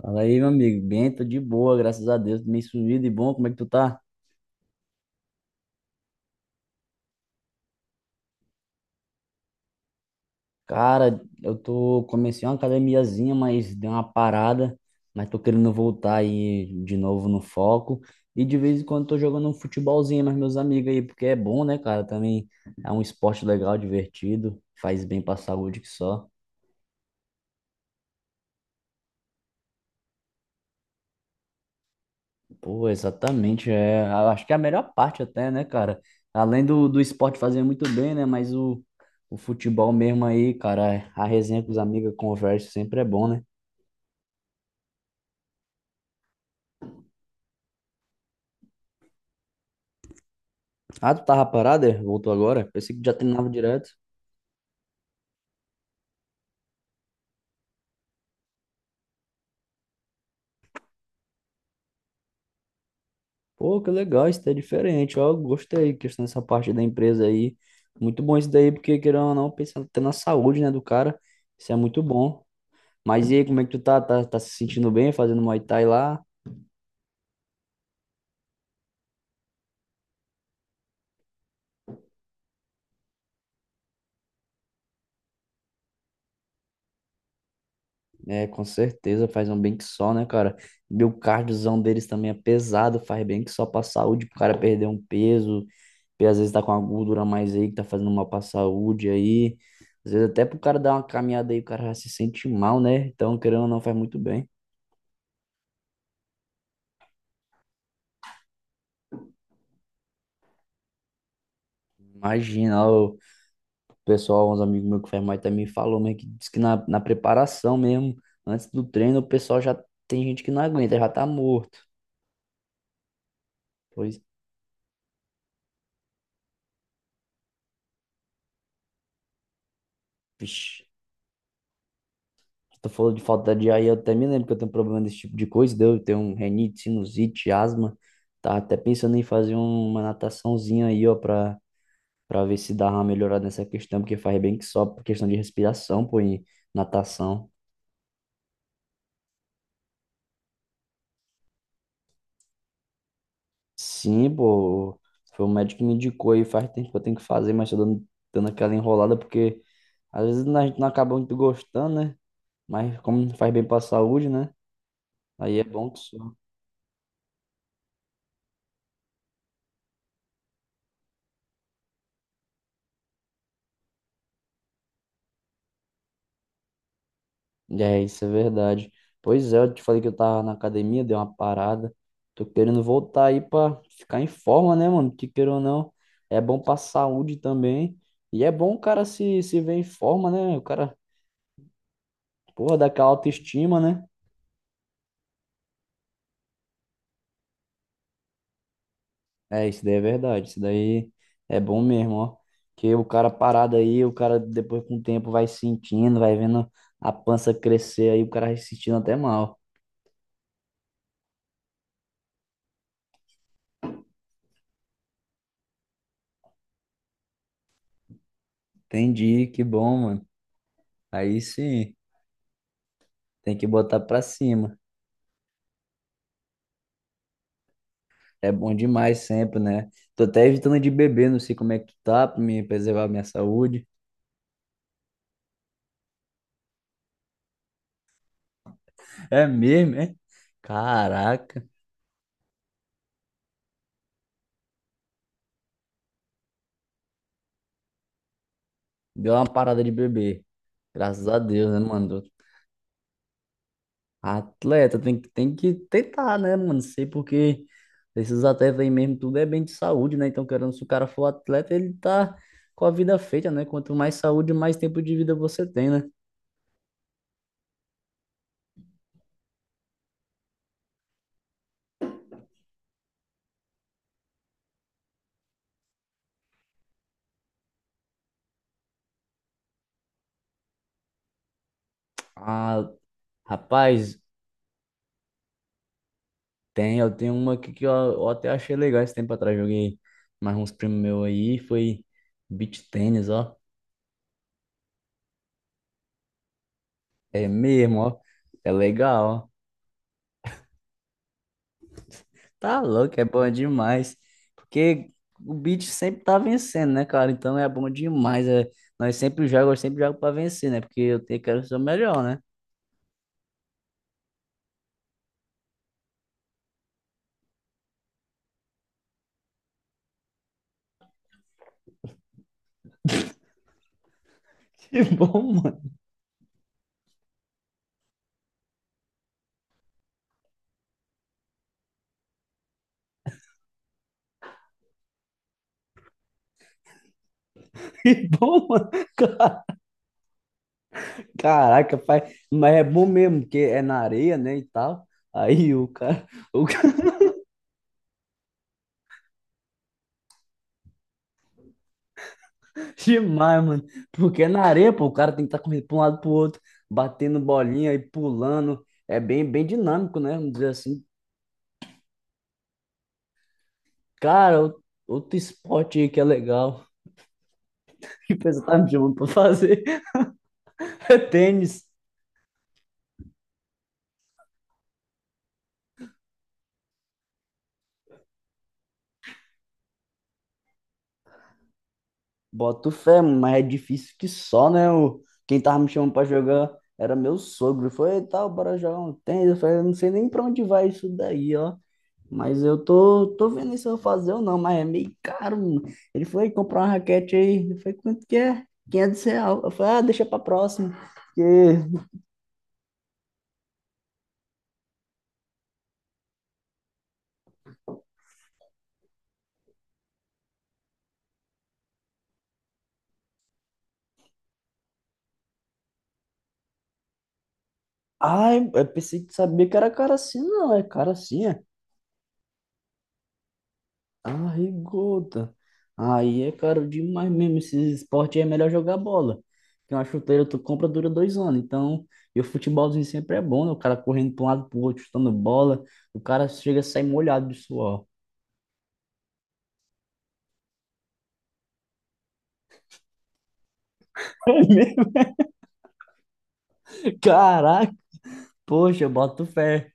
Fala aí, meu amigo. Bem, tô de boa, graças a Deus. Meio sumido e bom, como é que tu tá? Cara, eu tô, comecei uma academiazinha, mas deu uma parada, mas tô querendo voltar aí de novo no foco. E de vez em quando tô jogando um futebolzinho mas meus amigos aí, porque é bom, né, cara? Também é um esporte legal, divertido, faz bem pra saúde que só. Pô, exatamente. É, acho que é a melhor parte até, né, cara? Além do esporte fazer muito bem, né? Mas o futebol mesmo aí, cara, é a resenha com os amigos, a conversa sempre é bom, né? Ah, tu tava parado, é? Voltou agora? Pensei que já treinava direto. Pô, que legal, isso daí é diferente. Ó, gostei, questão dessa parte da empresa aí. Muito bom isso daí, porque querendo ou não, pensando até na saúde, né, do cara. Isso é muito bom. Mas e aí, como é que tu tá? Tá se sentindo bem fazendo Muay Thai lá? É, com certeza, faz um bem que só, né, cara? E o cardiozão deles também é pesado, faz bem que só pra saúde, pro cara perder um peso, e às vezes tá com uma gordura a mais aí, que tá fazendo mal pra saúde aí. Às vezes até pro cara dar uma caminhada aí, o cara já se sente mal, né? Então, querendo ou não, faz muito bem. Imagina, ó, o pessoal, uns amigos meus que faz mais também falou, mas que diz que na preparação mesmo, antes do treino, o pessoal já tem gente que não aguenta, já tá morto. Pois, vixi. Tu falou de falta de ar e eu até me lembro que eu tenho um problema desse tipo de coisa, deu, eu tenho um renite, sinusite, asma. Tá até pensando em fazer um, uma nataçãozinha aí, ó, pra, pra ver se dá uma melhorada nessa questão, porque faz bem que só por questão de respiração, pô, e natação. Sim, pô, foi o médico que me indicou aí, faz tempo que eu tenho que fazer, mas tô dando, dando aquela enrolada, porque às vezes a gente não acaba muito gostando, né? Mas como faz bem pra saúde, né? Aí é bom que só. É, isso é verdade. Pois é, eu te falei que eu tava na academia, dei uma parada. Tô querendo voltar aí pra ficar em forma, né, mano? Que queira ou não, é bom pra saúde também. E é bom o cara se ver em forma, né? O cara, porra, dá aquela autoestima, né? É, isso daí é verdade. Isso daí é bom mesmo, ó. Que o cara parado aí, o cara depois com o tempo vai sentindo, vai vendo a pança crescer aí, o cara vai se sentindo até mal. Entendi, que bom, mano. Aí sim, tem que botar pra cima. É bom demais sempre, né? Tô até evitando de beber, não sei como é que tu tá, pra me preservar a minha saúde. É mesmo, é? Caraca, deu uma parada de beber. Graças a Deus, né, mano? Atleta tem que tentar, né, mano? Sei porque esses atletas aí mesmo, tudo é bem de saúde, né? Então, querendo, se o cara for atleta, ele tá com a vida feita, né? Quanto mais saúde, mais tempo de vida você tem, né? Ah, rapaz, tem, eu tenho uma aqui que eu até achei legal esse tempo atrás. Joguei mais uns primos meus aí. Foi beach tênis, ó. É mesmo, ó. É legal, ó. Tá louco, é bom demais. Porque o beach sempre tá vencendo, né, cara? Então é bom demais. É, nós sempre jogamos, eu sempre jogo pra vencer, né? Porque eu tenho, quero ser o melhor, né? Que bom, mano. Que bom, mano. Caraca, pai. Mas é bom mesmo, porque é na areia, né, e tal. Aí o cara, o demais, mano. Porque é na areia, pô, o cara tem que estar tá correndo pra um lado pro outro, batendo bolinha e pulando. É bem, bem dinâmico, né? Vamos dizer assim. Cara, outro esporte aí que é legal. Que coisa tá me chamando pra fazer. É tênis. Boto fé, mano, mas é difícil que só, né? O, quem tava me chamando pra jogar era meu sogro. Foi, tal, bora jogar um tênis. Eu falei, eu não sei nem pra onde vai isso daí, ó. Mas eu tô, tô vendo se eu vou fazer ou não, mas é meio caro, mano. Ele foi comprar uma raquete aí. Eu falei, quanto que é? R$ 500. Eu falei, ah, deixa pra próxima. Porque... Ai, eu pensei que sabia que era caro assim. Não, é caro assim, é. Ai, gota. Aí é caro demais mesmo. Esse esporte aí é melhor jogar bola. Que uma chuteira tu compra dura 2 anos. Então, e o futebolzinho sempre é bom, né? O cara correndo pra um lado pro outro, chutando bola. O cara chega a sair molhado de suor. É mesmo? Caraca! Poxa, eu boto fé.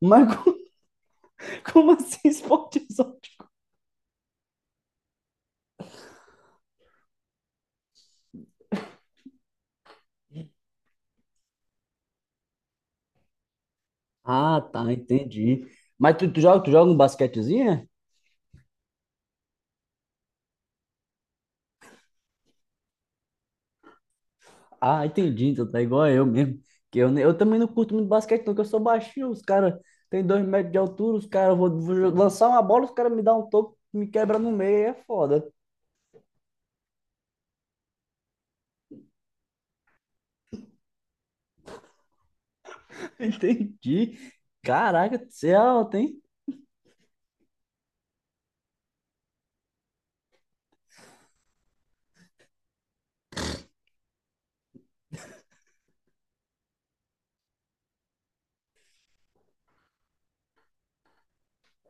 Mas co- como assim esporte exótico? Ah, tá, entendi. Mas tu, tu joga um basquetezinho, é? Ah, entendi. Então tá igual eu mesmo. Que eu também não curto muito basquete, não, que eu sou baixinho. Os caras têm 2 metros de altura, os caras vão vou jo- lançar uma bola, os caras me dão um toco, me quebra no meio, aí é foda. Entendi. Caraca, você é alto, hein?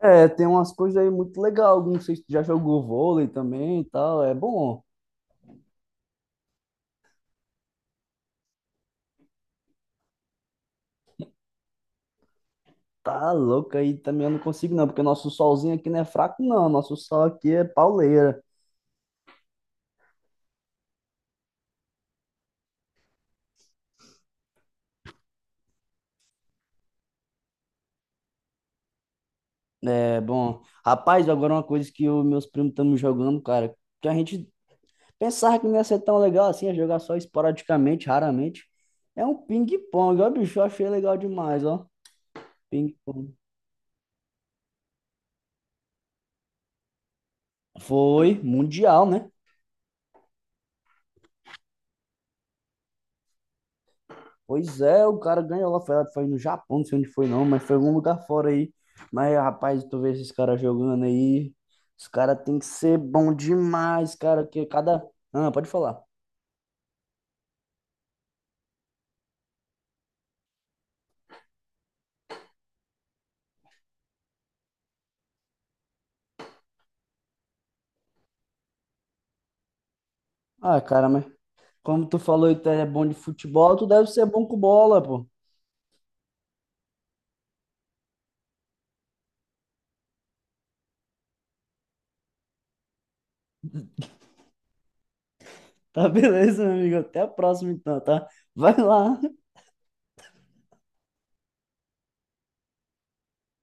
É, tem umas coisas aí muito legal. Não sei se tu já jogou vôlei também e tal. É bom. Tá louco, aí também eu não consigo não, porque nosso solzinho aqui não é fraco não, nosso sol aqui é pauleira. É, bom, rapaz, agora uma coisa que os meus primos estamos jogando, cara, que a gente pensava que não ia ser tão legal assim, ia jogar só esporadicamente, raramente, é um ping-pong, ó, bicho, eu achei legal demais, ó, ping-pong. Foi mundial, né? Pois é, o cara ganhou lá, foi, foi no Japão, não sei onde foi não, mas foi em algum lugar fora aí. Mas, rapaz, tu vê esses caras jogando aí, os caras tem que ser bom demais, cara, que cada... Ah, pode falar. Ah, cara, mas como tu falou que tu é bom de futebol, tu deve ser bom com bola, pô. Tá, beleza, meu amigo? Até a próxima então, tá? Vai lá.